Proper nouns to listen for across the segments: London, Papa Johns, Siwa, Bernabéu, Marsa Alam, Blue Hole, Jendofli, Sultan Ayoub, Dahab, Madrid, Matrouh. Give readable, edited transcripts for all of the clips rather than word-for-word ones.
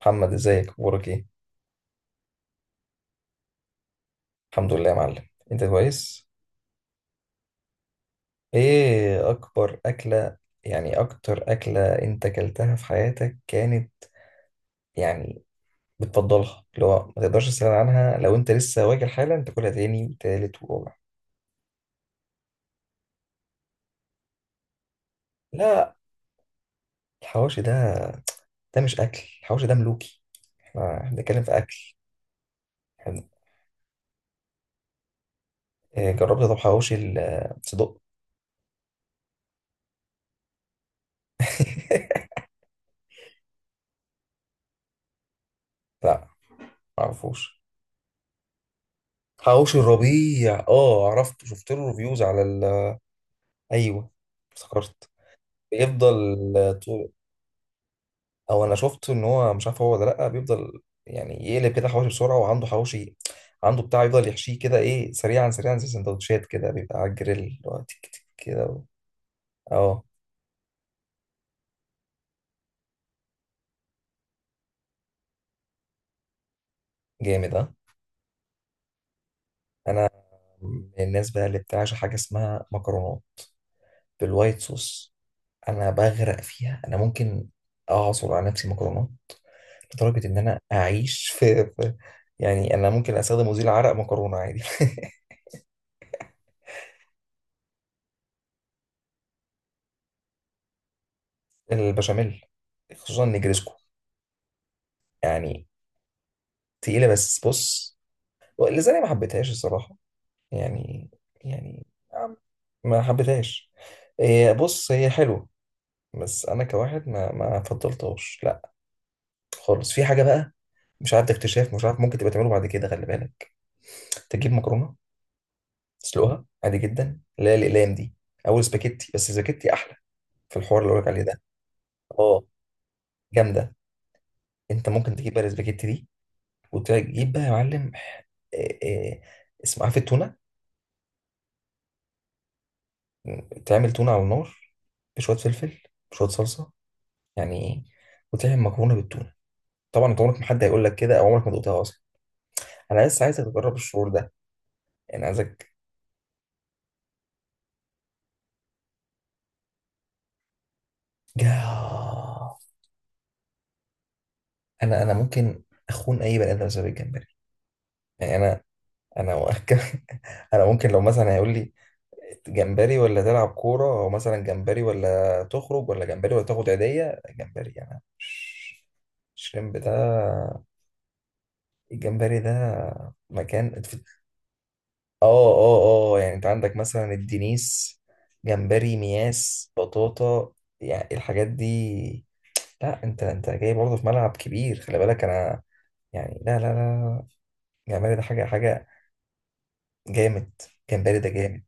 محمد، ازيك؟ اخبارك ايه؟ الحمد لله يا معلم، انت كويس؟ ايه اكبر اكلة، يعني اكتر اكلة انت اكلتها في حياتك كانت، يعني بتفضلها اللي هو ما تقدرش تستغنى عنها، لو انت لسه واكل حالا تاكلها تاني وتالت ورابع؟ لا، الحواوشي ده، ده مش اكل. الحواوشي ده ملوكي. إحنا بنتكلم في اكل. إحنا- إيه، جربت طب حواوشي الصدق؟ لا، معرفوش. حواوشي الربيع، اه عرفته، شفت له ريفيوز على ال... ايوه افتكرت. بيفضل طول. او انا شفت ان هو مش عارف هو ولا لا، بيفضل يعني يقلب كده حواوشي بسرعه، وعنده حواوشي، عنده بتاع يفضل يحشيه كده، ايه، سريعا سريعا زي سندوتشات كده، بيبقى على الجريل اللي هو تك تك كده و- اه جامد اه. انا من الناس بقى اللي بتعشى حاجه اسمها مكرونات بالوايت صوص. انا بغرق فيها، انا ممكن اعصر على نفسي مكرونات، لدرجه ان انا اعيش يعني انا ممكن استخدم مزيل عرق مكرونه عادي. البشاميل، خصوصا نجرسكو يعني. تقيلة بس بص، لازالي ما حبيتهاش الصراحة، يعني، يعني، عم- ما حبيتهاش. إيه، بص هي حلوة، بس أنا كواحد ما فضلتهاش، لا خالص. في حاجة بقى، مش عارف ده اكتشاف، مش عارف، ممكن تبقى تعمله بعد كده، خلي بالك. تجيب مكرونة، تسلقها عادي جدا، اللي هي الأقلام دي، أو سباكيتي، بس سباكيتي أحلى، في الحوار اللي بقولك عليه ده. اه جامدة. أنت ممكن تجيب بقى السباكيتي دي وتجيب بقى يا معلم إيه، إيه، اسمه، عارف، التونة. تعمل تونة على النار، بشوية فلفل، بشوية صلصة، يعني إيه؟ وتعمل مكرونة بالتونة. طبعا انت عمرك ما حد هيقول لك كده، او عمرك ما دقتها اصلا. انا بس عايزك تجرب الشعور ده، يعني عايزك. جاه. انا ممكن اخون اي بني ادم بسبب الجمبري. يعني انا، انا، انا ممكن لو مثلا هيقول لي جمبري ولا تلعب كورة، او مثلا جمبري ولا تخرج، ولا جمبري ولا تاخد عيدية، جمبري. يعني انا مش- الشريمب ده، الجمبري ده مكان. اه اه اه، يعني انت عندك مثلا الدنيس، جمبري، مياس، بطاطا، يعني الحاجات دي. لا انت جاي برضه في ملعب كبير خلي بالك. انا يعني لا لا لا لا، جمبري ده حاجة، حاجة جامد. جمبري ده جامد.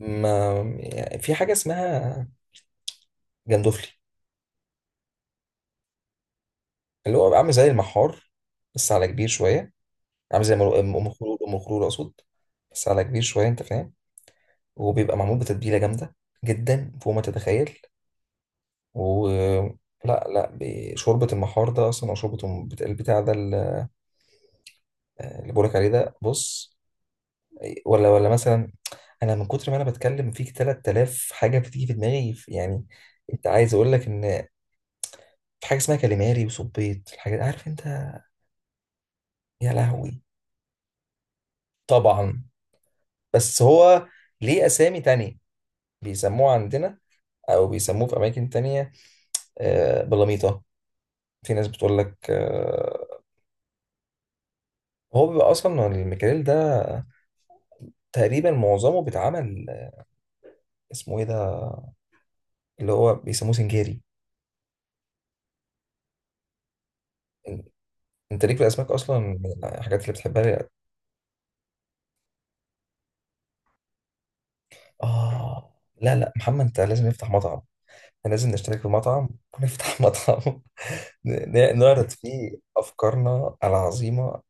ما يعني في حاجة اسمها جندوفلي، اللي هو عامل زي المحار بس على كبير شوية. عامل زي مر- ام أم خلول، ام خلول اقصد، بس على كبير شوية انت فاهم، وبيبقى معمول بتتبيلة جامدة جدا فوق ما تتخيل. ولا، لا لا، شوربة المحار ده أصلا، أو شوربة البتاع ده اللي بقولك عليه ده بص. ولا مثلا، أنا من كتر ما أنا بتكلم فيك 3000 حاجة بتيجي في دماغي يعني. أنت عايز أقول لك إن في حاجة اسمها كاليماري وصبيط، الحاجات، عارف أنت. يا لهوي. طبعا. بس هو ليه أسامي تانية، بيسموه عندنا أو بيسموه في أماكن تانية آه، بلاميطة. في ناس بتقول لك آه، هو بيبقى أصلا الميكاريل ده تقريبا معظمه بيتعمل آه، اسمه إيه ده، اللي هو بيسموه سنجاري. إن- انت ليك في الاسماك اصلا من الحاجات اللي بتحبها لي؟ اه لا لا محمد، انت لازم نفتح مطعم. إحنا لازم نشترك في مطعم ونفتح مطعم، نعرض فيه افكارنا العظيمه.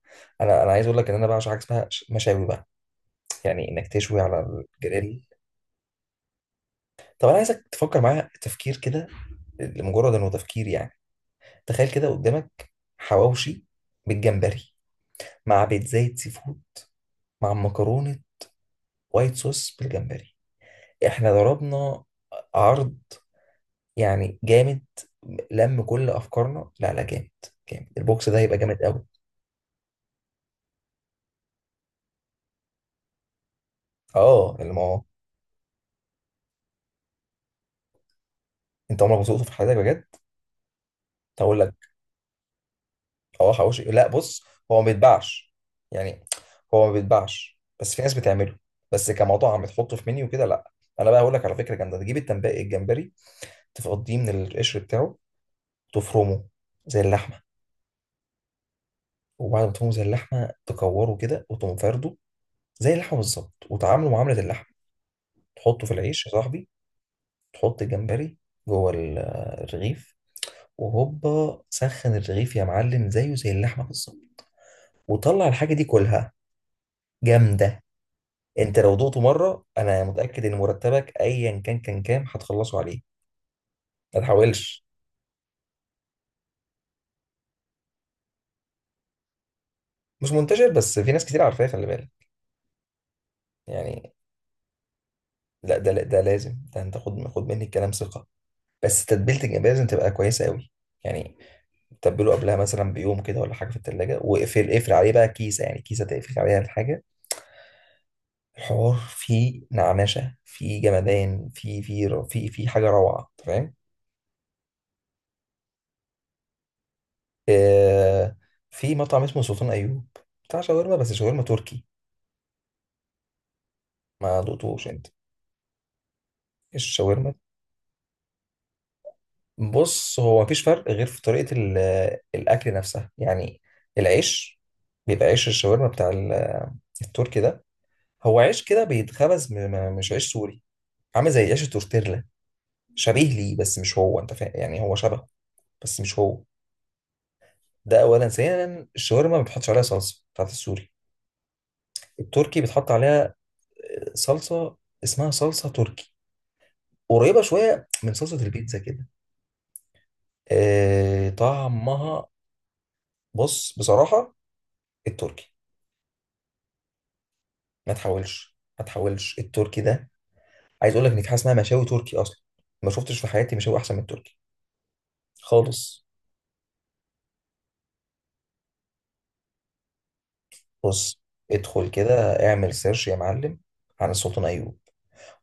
انا عايز اقول لك ان انا بعشق حاجه اسمها مشاوي بقى، يعني انك تشوي على الجريل. طب انا عايزك تفكر معايا تفكير كده، لمجرد انه تفكير يعني. تخيل كده قدامك حواوشي بالجمبري، مع بيتزاية سي فود، مع مكرونه وايت صوص بالجمبري، احنا ضربنا عرض، يعني جامد لم كل افكارنا. لا لا جامد، جامد، البوكس ده هيبقى جامد قوي. اه اللي ما هو انت عمرك ما سوقته في حياتك بجد. هقول لك اه حواوشي لا، بص هو ما بيتباعش يعني، هو ما بيتباعش بس في ناس بتعمله، بس كمطعم تحطه في منيو كده لا. انا بقى هقول لك على فكره جامده. تجيب التنباقي الجمبري، تفضيه من القشر بتاعه، تفرمه زي اللحمه، وبعد ما تفرمه زي اللحمه، تكوره كده وتقوم فارده زي اللحمه بالظبط، وتعامله معامله اللحمه. تحطه في العيش يا صاحبي. تحط الجمبري جوه الرغيف، وهوبا، سخن الرغيف يا معلم زيه زي اللحمه بالظبط، وطلع الحاجه دي كلها جامده. انت لو دقته مره انا متاكد ان مرتبك ايا كان كام هتخلصه عليه. ما تحاولش. مش منتشر بس في ناس كتير عارفاه خلي بالك يعني. لا ده لا ده لازم ده انت خد مني الكلام ثقه. بس تتبيله الجمبري لازم تبقى كويسه قوي يعني. تبله قبلها مثلا بيوم كده ولا حاجه في التلاجة، واقفل عليه بقى كيسه، يعني كيسه تقفل عليها الحاجه. الحوار فيه نعنشة، فيه جمدان، فيه حاجة روعة أنت فاهم. آه، في مطعم اسمه سلطان أيوب، بتاع شاورما، بس شاورما تركي. ما دقتوش أنت الشاورما؟ بص هو مفيش فرق غير في طريقة الأكل نفسها يعني. العيش بيبقى عيش الشاورما بتاع التركي ده، هو عيش كده بيتخبز مش عيش سوري، عامل زي عيش التورتيلا، شبيه ليه بس مش هو، أنت فاهم يعني، هو شبهه بس مش هو. ده اولا. ثانيا الشاورما ما بتحطش عليها صلصه بتاعت السوري، التركي بتحط عليها آه، صلصه اسمها صلصه تركي، قريبه شويه من صلصه البيتزا كده آه طعمها. بص بصراحه التركي. ما تحاولش، ما تحاولش التركي ده. عايز اقول لك ان في حاجه اسمها مشاوي تركي اصلا، ما شفتش في حياتي مشاوي احسن من التركي خالص. بص ادخل كده، اعمل سيرش يا معلم عن السلطان ايوب،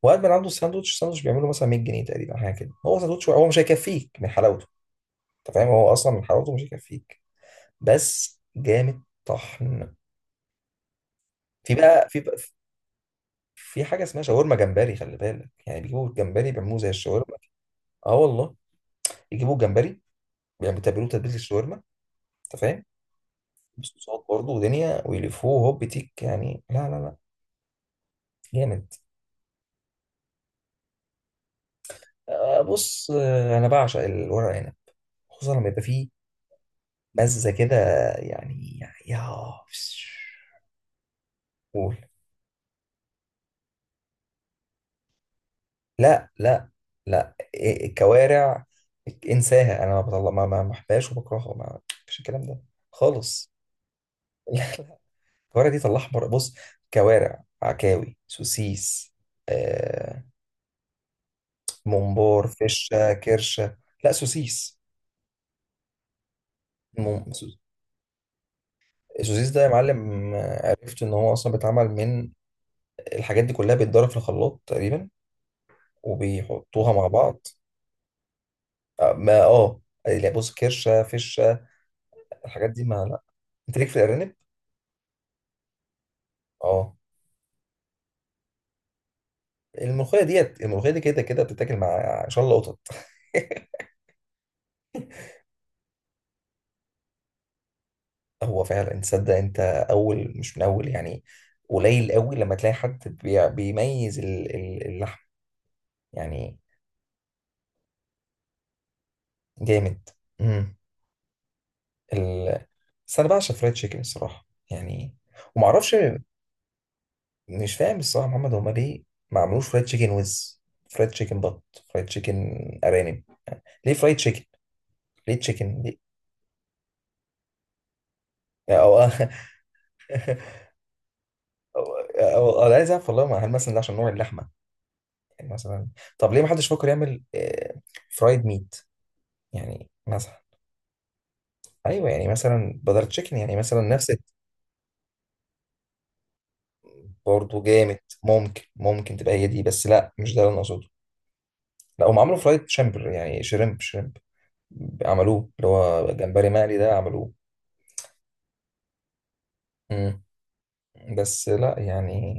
وقعد من عنده الساندوتش، الساندوتش بيعمله مثلا 100 جنيه تقريبا حاجه كده، هو ساندوتش هو مش هيكفيك من حلاوته، انت فاهم، هو اصلا من حلاوته مش هيكفيك، بس جامد طحن. في بقى في حاجه اسمها شاورما جمبري خلي بالك، يعني بيجيبوا الجمبري بيعملوه زي الشاورما. اه والله، بيجيبوا الجمبري، يعني بيتبلوه تتبيله الشاورما، انت فاهم، بصوصات برضه ودنيا، ويلفوه هوب تيك يعني، لا لا لا جامد. آه، بص آه، انا بعشق الورق عنب، خصوصا لما يبقى فيه مزه كده يعني. يا. قول. لا لا لا الكوارع انساها، انا ما بطلع، ما بحبهاش وبكرهها، ما مفيش الكلام ده خالص. الكوارع دي طلعها بره بص، كوارع، عكاوي، سوسيس آه، ممبار، فشه، كرشه. لا سوسيس. مم... سو- السوسيس ده يا معلم آه، عرفت ان هو اصلا بيتعمل من الحاجات دي كلها، بيتضرب في الخلاط تقريبا وبيحطوها مع بعض. آه، ما اه، لا بص كرشه فشه الحاجات دي ما لا. انت ليك في الارانب. اه. الملوخية ديت، الملوخية دي كده كده بتتاكل مع شلة قطط. هو فعلا تصدق انت، اول مش من اول يعني، قليل قوي لما تلاقي حد بيميز اللحم يعني. جامد. امم. ال... بس انا بعشق فرايد تشيكن الصراحه يعني، وما اعرفش، مش فاهم الصراحه محمد هما ليه ما عملوش فرايد تشيكن ويز، فرايد تشيكن بط، فرايد تشيكن ارانب. ليه فرايد تشيكن، ليه تشيكن ليه. او او انا عايز اعرف والله هل مثلا ده عشان نوع اللحمه يعني مثلا. طب ليه ما حدش فكر يعمل فرايد ميت يعني مثلا. ايوه يعني مثلا بدل تشيكن يعني مثلا نفس. برضه جامد ممكن، ممكن تبقى هي دي، بس لا مش ده اللي انا اقصده. لا هم عملوا فرايد شامبر يعني شريمب، عملوه اللي هو جمبري مقلي ده عملوه. مم. بس لا يعني.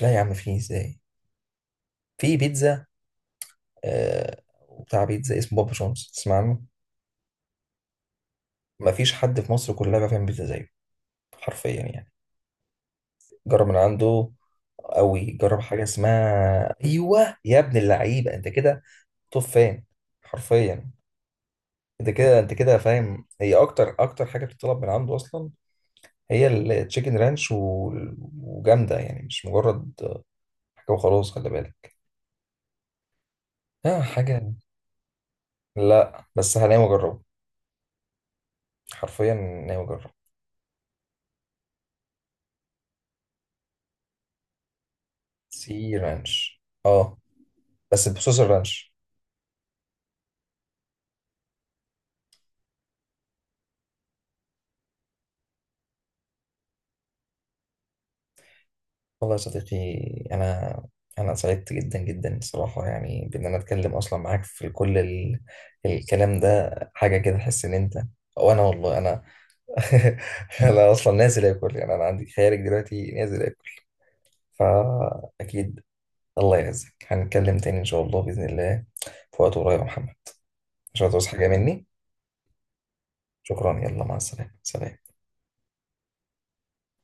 لا يا عم في ازاي، في بيتزا آه، بتاع بيتزا اسمه بابا جونز تسمع عنه. مفيش حد في مصر كلها بيعرف يعمل بيتزا زيه، حرفيا يعني. جرب من عنده قوي. جرب حاجه اسمها ايوه يا ابن اللعيبه انت كده توب فان، حرفيا. انت كده، انت كده فاهم هي اكتر اكتر حاجه بتطلب من عنده اصلا. هي التشيكن رانش و- وجامده يعني، مش مجرد حاجه وخلاص، خلي بالك. اه حاجه. لا بس هناوي اجربه، حرفيا ناوي اجربه. سي رانش اه، بس بصوص الرانش. والله يا صديقي، أنا، أنا سعدت جدا جدا الصراحة، يعني بإن أنا أتكلم أصلا معاك في كل ال... الكلام ده حاجة كده، أحس إن أنت. أو أنا والله أنا أنا أصلا نازل آكل يعني، أنا عندي خيارك دلوقتي نازل آكل، فأكيد. الله يعزك، هنتكلم تاني إن شاء الله بإذن الله، في وقت قريب يا محمد. مش هتعوز حاجة مني. شكرا، يلا مع السلامة، سلام.